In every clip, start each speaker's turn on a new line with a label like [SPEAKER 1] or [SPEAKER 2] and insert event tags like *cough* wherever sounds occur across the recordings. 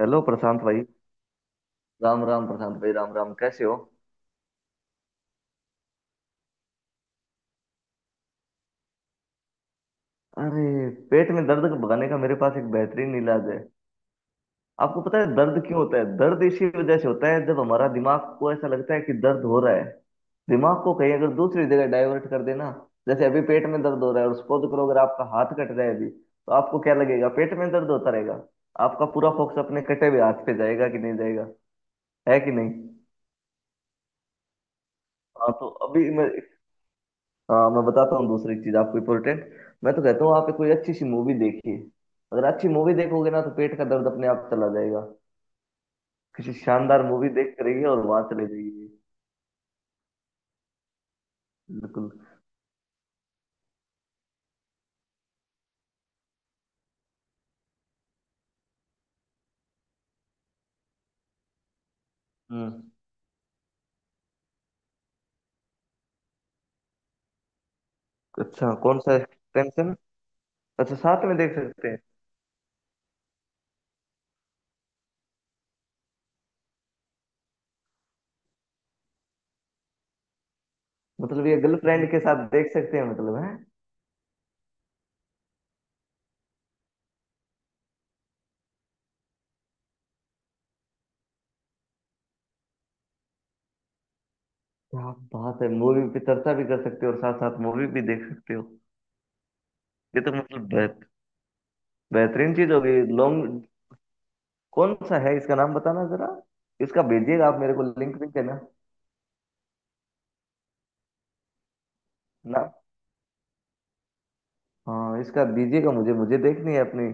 [SPEAKER 1] Hello Prashant भाई। राम राम प्रशांत भाई, राम राम, कैसे हो? अरे, पेट में दर्द को भगाने का मेरे पास एक बेहतरीन इलाज है। आपको पता है दर्द क्यों होता है? दर्द इसी वजह से होता है जब हमारा दिमाग को ऐसा लगता है कि दर्द हो रहा है। दिमाग को कहीं अगर दूसरी जगह डाइवर्ट कर देना, जैसे अभी पेट में दर्द हो रहा है और सपोज करो अगर आपका हाथ कट रहा है अभी, तो आपको क्या लगेगा? पेट में दर्द होता रहेगा? आपका पूरा फोकस अपने कटे हुए हाथ पे जाएगा कि नहीं जाएगा? है कि नहीं? हाँ तो अभी मैं हाँ मैं बताता हूँ, दूसरी चीज आपको इंपॉर्टेंट। मैं तो कहता हूँ आप कोई अच्छी सी मूवी देखिए। अगर अच्छी मूवी देखोगे ना, तो पेट का दर्द अपने आप चला जाएगा। किसी शानदार मूवी देख कर आइए और वहां चले जाइए। बिल्कुल। हम्म। अच्छा, कौन सा? टेंशन। अच्छा, साथ में देख सकते हैं? मतलब ये गर्लफ्रेंड के साथ देख सकते हैं मतलब है? क्या बात है! मूवी पे चर्चा भी कर सकते हो और साथ साथ मूवी भी देख सकते हो। ये तो मतलब बेहतरीन चीज हो गई लॉन्ग। कौन सा है इसका नाम बताना जरा। इसका भेजिएगा, आप मेरे को लिंक भी देना। हाँ इसका दीजिएगा, मुझे मुझे देखनी है अपनी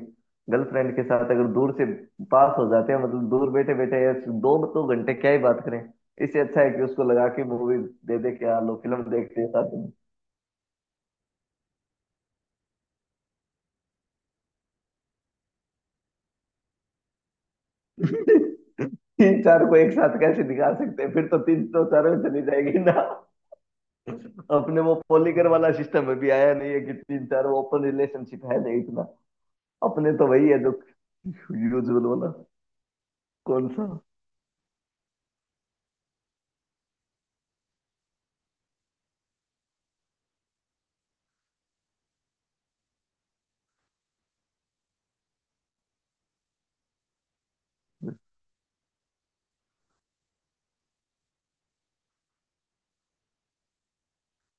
[SPEAKER 1] गर्लफ्रेंड के साथ। अगर दूर से पास हो जाते हैं, मतलब दूर बैठे बैठे यार, दो तो घंटे क्या ही बात करें। इससे अच्छा है कि उसको लगा के मूवी दे दे, क्या लो फिल्म देखते हैं साथ में। *laughs* तीन चार को एक साथ कैसे दिखा सकते हैं? फिर तो तीन तो चारों में चली जाएगी ना। अपने वो पॉलीकर वाला सिस्टम अभी आया नहीं है कि तीन चार ओपन रिलेशनशिप है, नहीं इतना। अपने तो वही है जो यूजुअल वाला। कौन सा?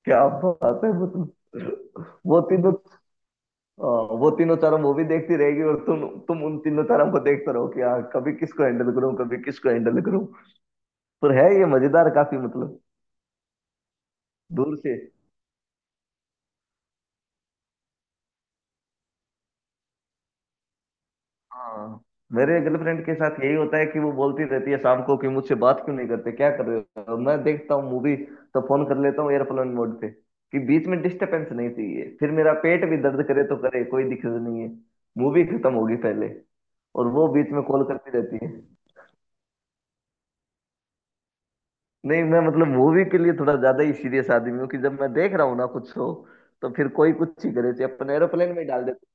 [SPEAKER 1] क्या बात है मतलब! वो तीनों, अ, वो तीनों चारों मूवी देखती रहेगी और तुम उन तीनों चारों को देखते रहो कि यार कभी किसको हैंडल करूं कभी किसको हैंडल करूं। पर है ये मजेदार काफी मतलब। दूर से हाँ, मेरे गर्लफ्रेंड के साथ यही होता है कि वो बोलती रहती है शाम को कि मुझसे बात क्यों नहीं करते, क्या कर रहे हो? मैं देखता हूँ मूवी, तो फोन कर लेता हूँ एयरप्लेन मोड पे, कि बीच में डिस्टरबेंस नहीं चाहिए। फिर मेरा पेट भी दर्द करे तो करे, कोई दिक्कत नहीं है। मूवी खत्म होगी पहले, और वो बीच में कॉल करती रहती है। नहीं मैं मतलब मूवी के लिए थोड़ा ज्यादा ही सीरियस आदमी हूँ, कि जब मैं देख रहा हूँ ना कुछ शो, तो फिर कोई कुछ ही करे चाहे, अपन एरोप्लेन में ही डाल देते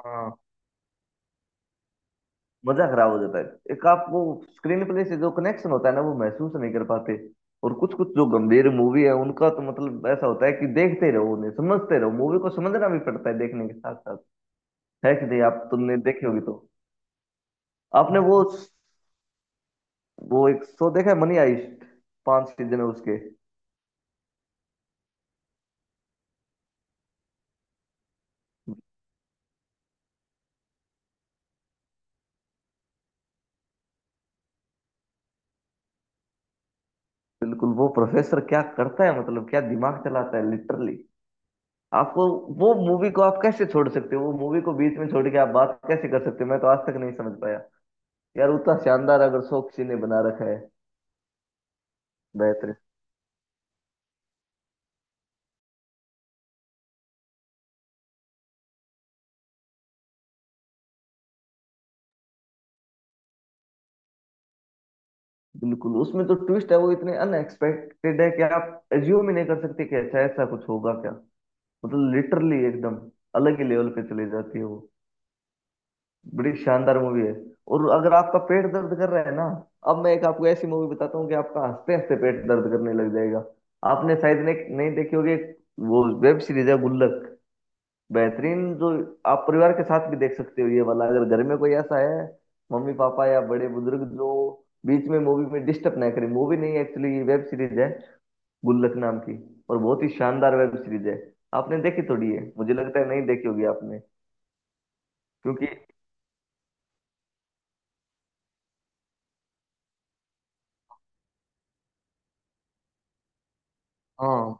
[SPEAKER 1] हैं। हाँ, मजा खराब हो जाता है। एक आप वो स्क्रीन प्ले से जो कनेक्शन होता है ना, वो महसूस नहीं कर पाते। और कुछ कुछ जो गंभीर मूवी है उनका तो मतलब ऐसा होता है कि देखते रहो, उन्हें समझते रहो, मूवी को समझना भी पड़ता है देखने के साथ साथ। है कि नहीं? आप तुमने देखी होगी तो। आपने वो एक शो देखा है मनी हाइस्ट, पांच सीजन है उसके। बिल्कुल, वो प्रोफेसर क्या करता है मतलब, क्या दिमाग चलाता है लिटरली। आप वो मूवी को आप कैसे छोड़ सकते हो, वो मूवी को बीच में छोड़ के आप बात कैसे कर सकते हो, मैं तो आज तक नहीं समझ पाया यार। उतना शानदार अगर शो किसी ने बना रखा है। बेहतर। बिल्कुल उसमें तो ट्विस्ट है वो इतने अनएक्सपेक्टेड है कि आप एज्यूम ही नहीं कर सकते कि ऐसा ऐसा कुछ होगा क्या। मतलब लिटरली एकदम अलग ही लेवल पे चली जाती है वो। बड़ी शानदार मूवी है। और अगर आपका पेट दर्द कर रहा है ना, अब मैं एक आपको ऐसी मूवी बताता हूँ कि आपका हंसते हंसते पेट दर्द करने लग जाएगा। आपने शायद ने नहीं देखी होगी एक, वो वेब सीरीज है गुल्लक। बेहतरीन, जो आप परिवार के साथ भी देख सकते हो ये वाला, अगर घर में कोई ऐसा है, मम्मी पापा या बड़े बुजुर्ग, जो बीच में मूवी में डिस्टर्ब ना करें। मूवी नहीं, एक्चुअली वेब सीरीज है गुल्लक नाम की, और बहुत ही शानदार वेब सीरीज है। आपने देखी थोड़ी है मुझे लगता है, नहीं देखी होगी आपने, क्योंकि। हाँ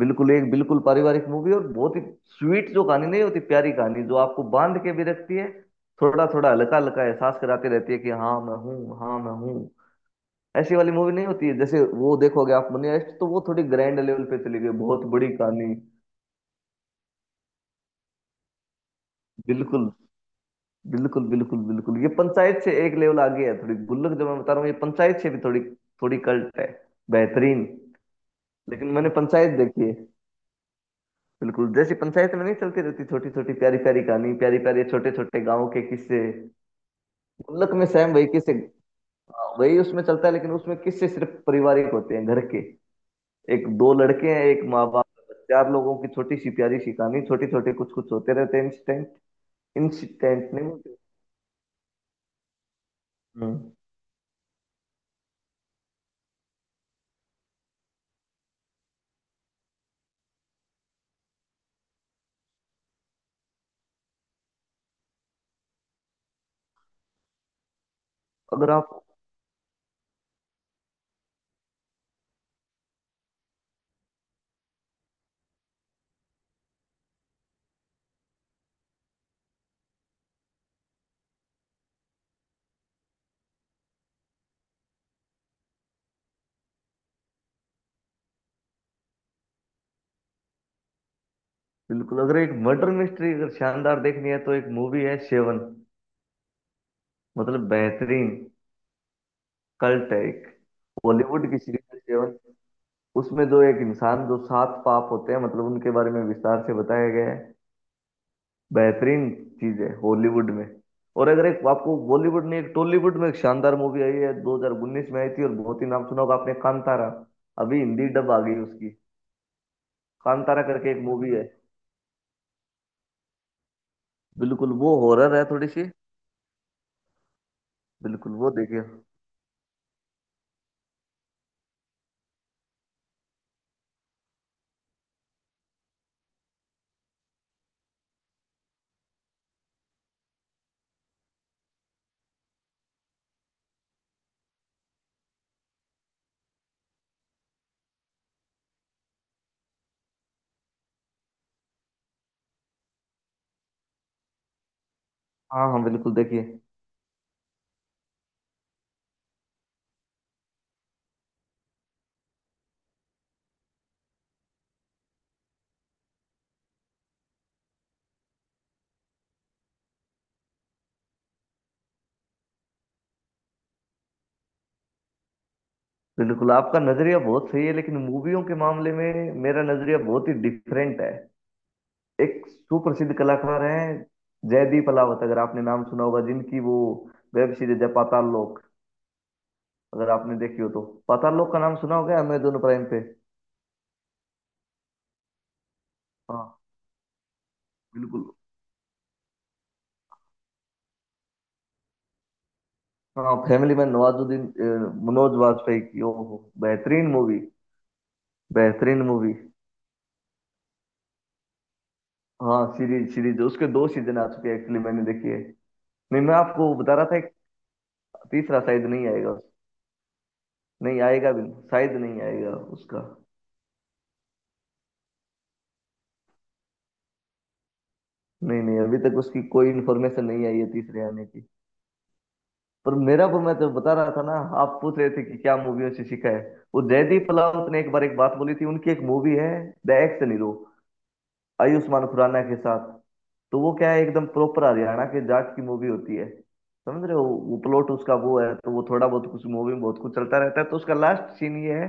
[SPEAKER 1] बिल्कुल, एक बिल्कुल पारिवारिक मूवी, और बहुत ही स्वीट जो कहानी नहीं होती, प्यारी कहानी जो आपको बांध के भी रखती है। थोड़ा थोड़ा हल्का हल्का एहसास कराती रहती है कि हाँ मैं हूँ, हाँ मैं हूँ। ऐसी वाली मूवी नहीं होती है, जैसे वो देखोगे आप मनी हाइस्ट तो वो थोड़ी ग्रैंड लेवल पे चली गई, बहुत बड़ी कहानी। बिल्कुल। बिल्कुल बिल्कुल बिल्कुल, ये पंचायत से एक लेवल आगे है थोड़ी, गुल्लक जो मैं बता रहा हूँ ये पंचायत से भी थोड़ी, थोड़ी कल्ट है। बेहतरीन। लेकिन मैंने पंचायत देखी है, बिल्कुल जैसी पंचायत में नहीं चलती रहती छोटी छोटी प्यारी प्यारी कहानी, प्यारी प्यारी छोटे छोटे गाँव के किस्से, गुल्लक में सेम वही किस्से। हाँ, वही उसमें चलता है, लेकिन उसमें किस्से सिर्फ पारिवारिक होते हैं घर के। एक दो लड़के हैं, एक माँ बाप का बच्चा, आप लोगों की छोटी सी प्यारी सी कहानी, छोटे छोटे कुछ कुछ होते रहते हैं इंसिडेंट। इंसिडेंट नहीं बोलते। हम्म। अगर आप बिल्कुल, अगर एक मर्डर मिस्ट्री अगर शानदार देखनी है, तो एक मूवी है सेवन, मतलब बेहतरीन, कल्ट है एक, बॉलीवुड की सीरीज है सेवन। उसमें जो एक इंसान जो सात पाप होते हैं मतलब, उनके बारे में विस्तार से बताया गया है। बेहतरीन चीज है हॉलीवुड में। और अगर एक आपको बॉलीवुड नहीं, एक टॉलीवुड में एक शानदार मूवी आई है 2019 में आई थी, और बहुत ही नाम सुना होगा आपने, कांतारा। अभी हिंदी डब आ गई उसकी। कांतारा करके एक मूवी है, बिल्कुल वो हॉरर है थोड़ी सी, बिल्कुल वो देखिए। हाँ हाँ बिल्कुल देखिए। बिल्कुल आपका नजरिया बहुत सही है, लेकिन मूवियों के मामले में मेरा नजरिया बहुत ही डिफरेंट है। एक सुप्रसिद्ध कलाकार हैं जयदीप अलावत, अगर आपने नाम सुना होगा, जिनकी वो वेब सीरीज है पाताल लोक, अगर आपने देखी हो तो। पाताल लोक का नाम सुना होगा अमेजोन प्राइम पे। हाँ बिल्कुल। हाँ फैमिली में नवाजुद्दीन मनोज वाजपेयी की, ओहो, बेहतरीन मूवी। बेहतरीन मूवी। हाँ सीरीज, सीरीज उसके दो सीजन आ चुके हैं, एक्चुअली मैंने देखी है। नहीं मैं आपको बता रहा था एक। तीसरा शायद नहीं आएगा। नहीं आएगा भी नहीं, शायद नहीं आएगा उसका। नहीं नहीं अभी तक उसकी कोई इन्फॉर्मेशन नहीं आई है तीसरे आने की। पर मैं तो बता रहा था ना, आप पूछ रहे थे कि क्या मूवियों से सीखा है। वो जयदीप पलावत ने एक बार एक बात बोली थी, उनकी एक मूवी है the action hero, Ayushmann Khurrana के साथ। तो वो क्या है, एकदम प्रॉपर हरियाणा के जाट की मूवी होती है, समझ रहे हो। वो प्लॉट उसका वो है, तो वो थोड़ा बहुत कुछ, मूवी में बहुत कुछ चलता रहता है, तो उसका लास्ट सीन ये है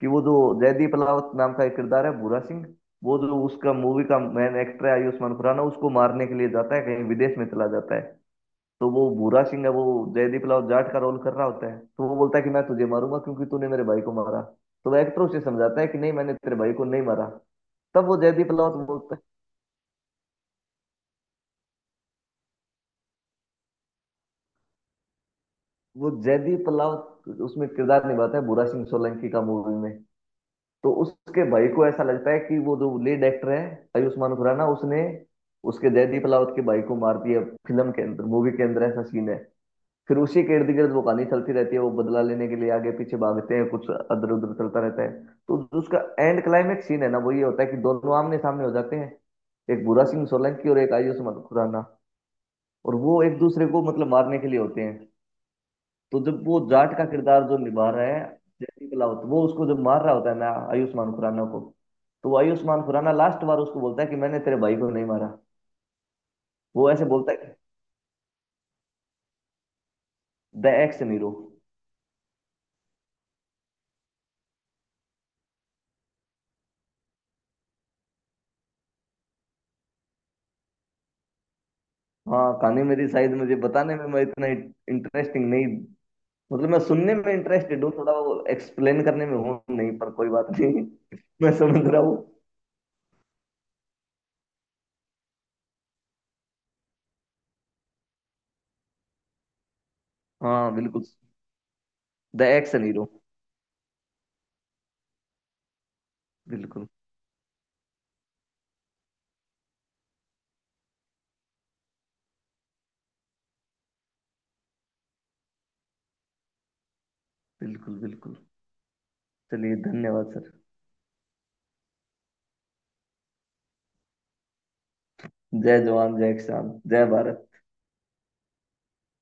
[SPEAKER 1] कि वो जो जयदीप अलावत नाम का एक किरदार है भूरा सिंह, वो जो उसका मूवी का मेन एक्टर है आयुष्मान खुराना उसको मारने के लिए जाता है, कहीं विदेश में चला जाता है। तो वो भूरा सिंह है, वो जयदीप लाल जाट का रोल कर रहा होता है, तो वो बोलता है कि मैं तुझे मारूंगा क्योंकि तूने मेरे भाई को मारा। तो वो एक्टर उसे समझाता है कि नहीं मैंने तेरे भाई को नहीं मारा। तब वो जयदीप राउत बोलता है। वो जयदीप राउत उसमें किरदार निभाता है भूरा सिंह सोलंकी का मूवी में। तो उसके भाई को ऐसा लगता है कि वो जो लीड एक्टर है आयुष्मान खुराना उसने उसके, जयदीप राउत के भाई को मार दिया, फिल्म के अंदर, मूवी के अंदर ऐसा सीन है। फिर उसी के इर्द गिर्द वो कहानी चलती रहती है, वो बदला लेने के लिए आगे पीछे भागते हैं, कुछ अदर उधर चलता रहता है। तो जो उसका एंड क्लाइमेक्स सीन है ना, वो ये होता है कि दोनों आमने सामने हो जाते हैं, एक भूरा सिंह सोलंकी और एक आयुष मत- खुराना, और वो एक दूसरे को मतलब मारने के लिए होते हैं। तो जब वो जाट का किरदार जो निभा रहा है जयदीप लाहौट, वो उसको जब मार रहा होता है ना आयुष्मान खुराना को, तो वो आयुष्मान खुराना लास्ट बार उसको बोलता है कि मैंने तेरे भाई को नहीं मारा। वो ऐसे बोलता है, द एक्स हीरो। हाँ, कहानी मेरी शायद, मुझे बताने में मैं इतना इंटरेस्टिंग नहीं, मतलब मैं सुनने में इंटरेस्टेड हूँ थोड़ा, वो एक्सप्लेन करने में हूँ नहीं, पर कोई बात नहीं। *laughs* मैं समझ रहा हूँ। हाँ बिल्कुल। The action hero. बिल्कुल बिल्कुल बिल्कुल। चलिए धन्यवाद सर। जय जवान, जय किसान, जय भारत।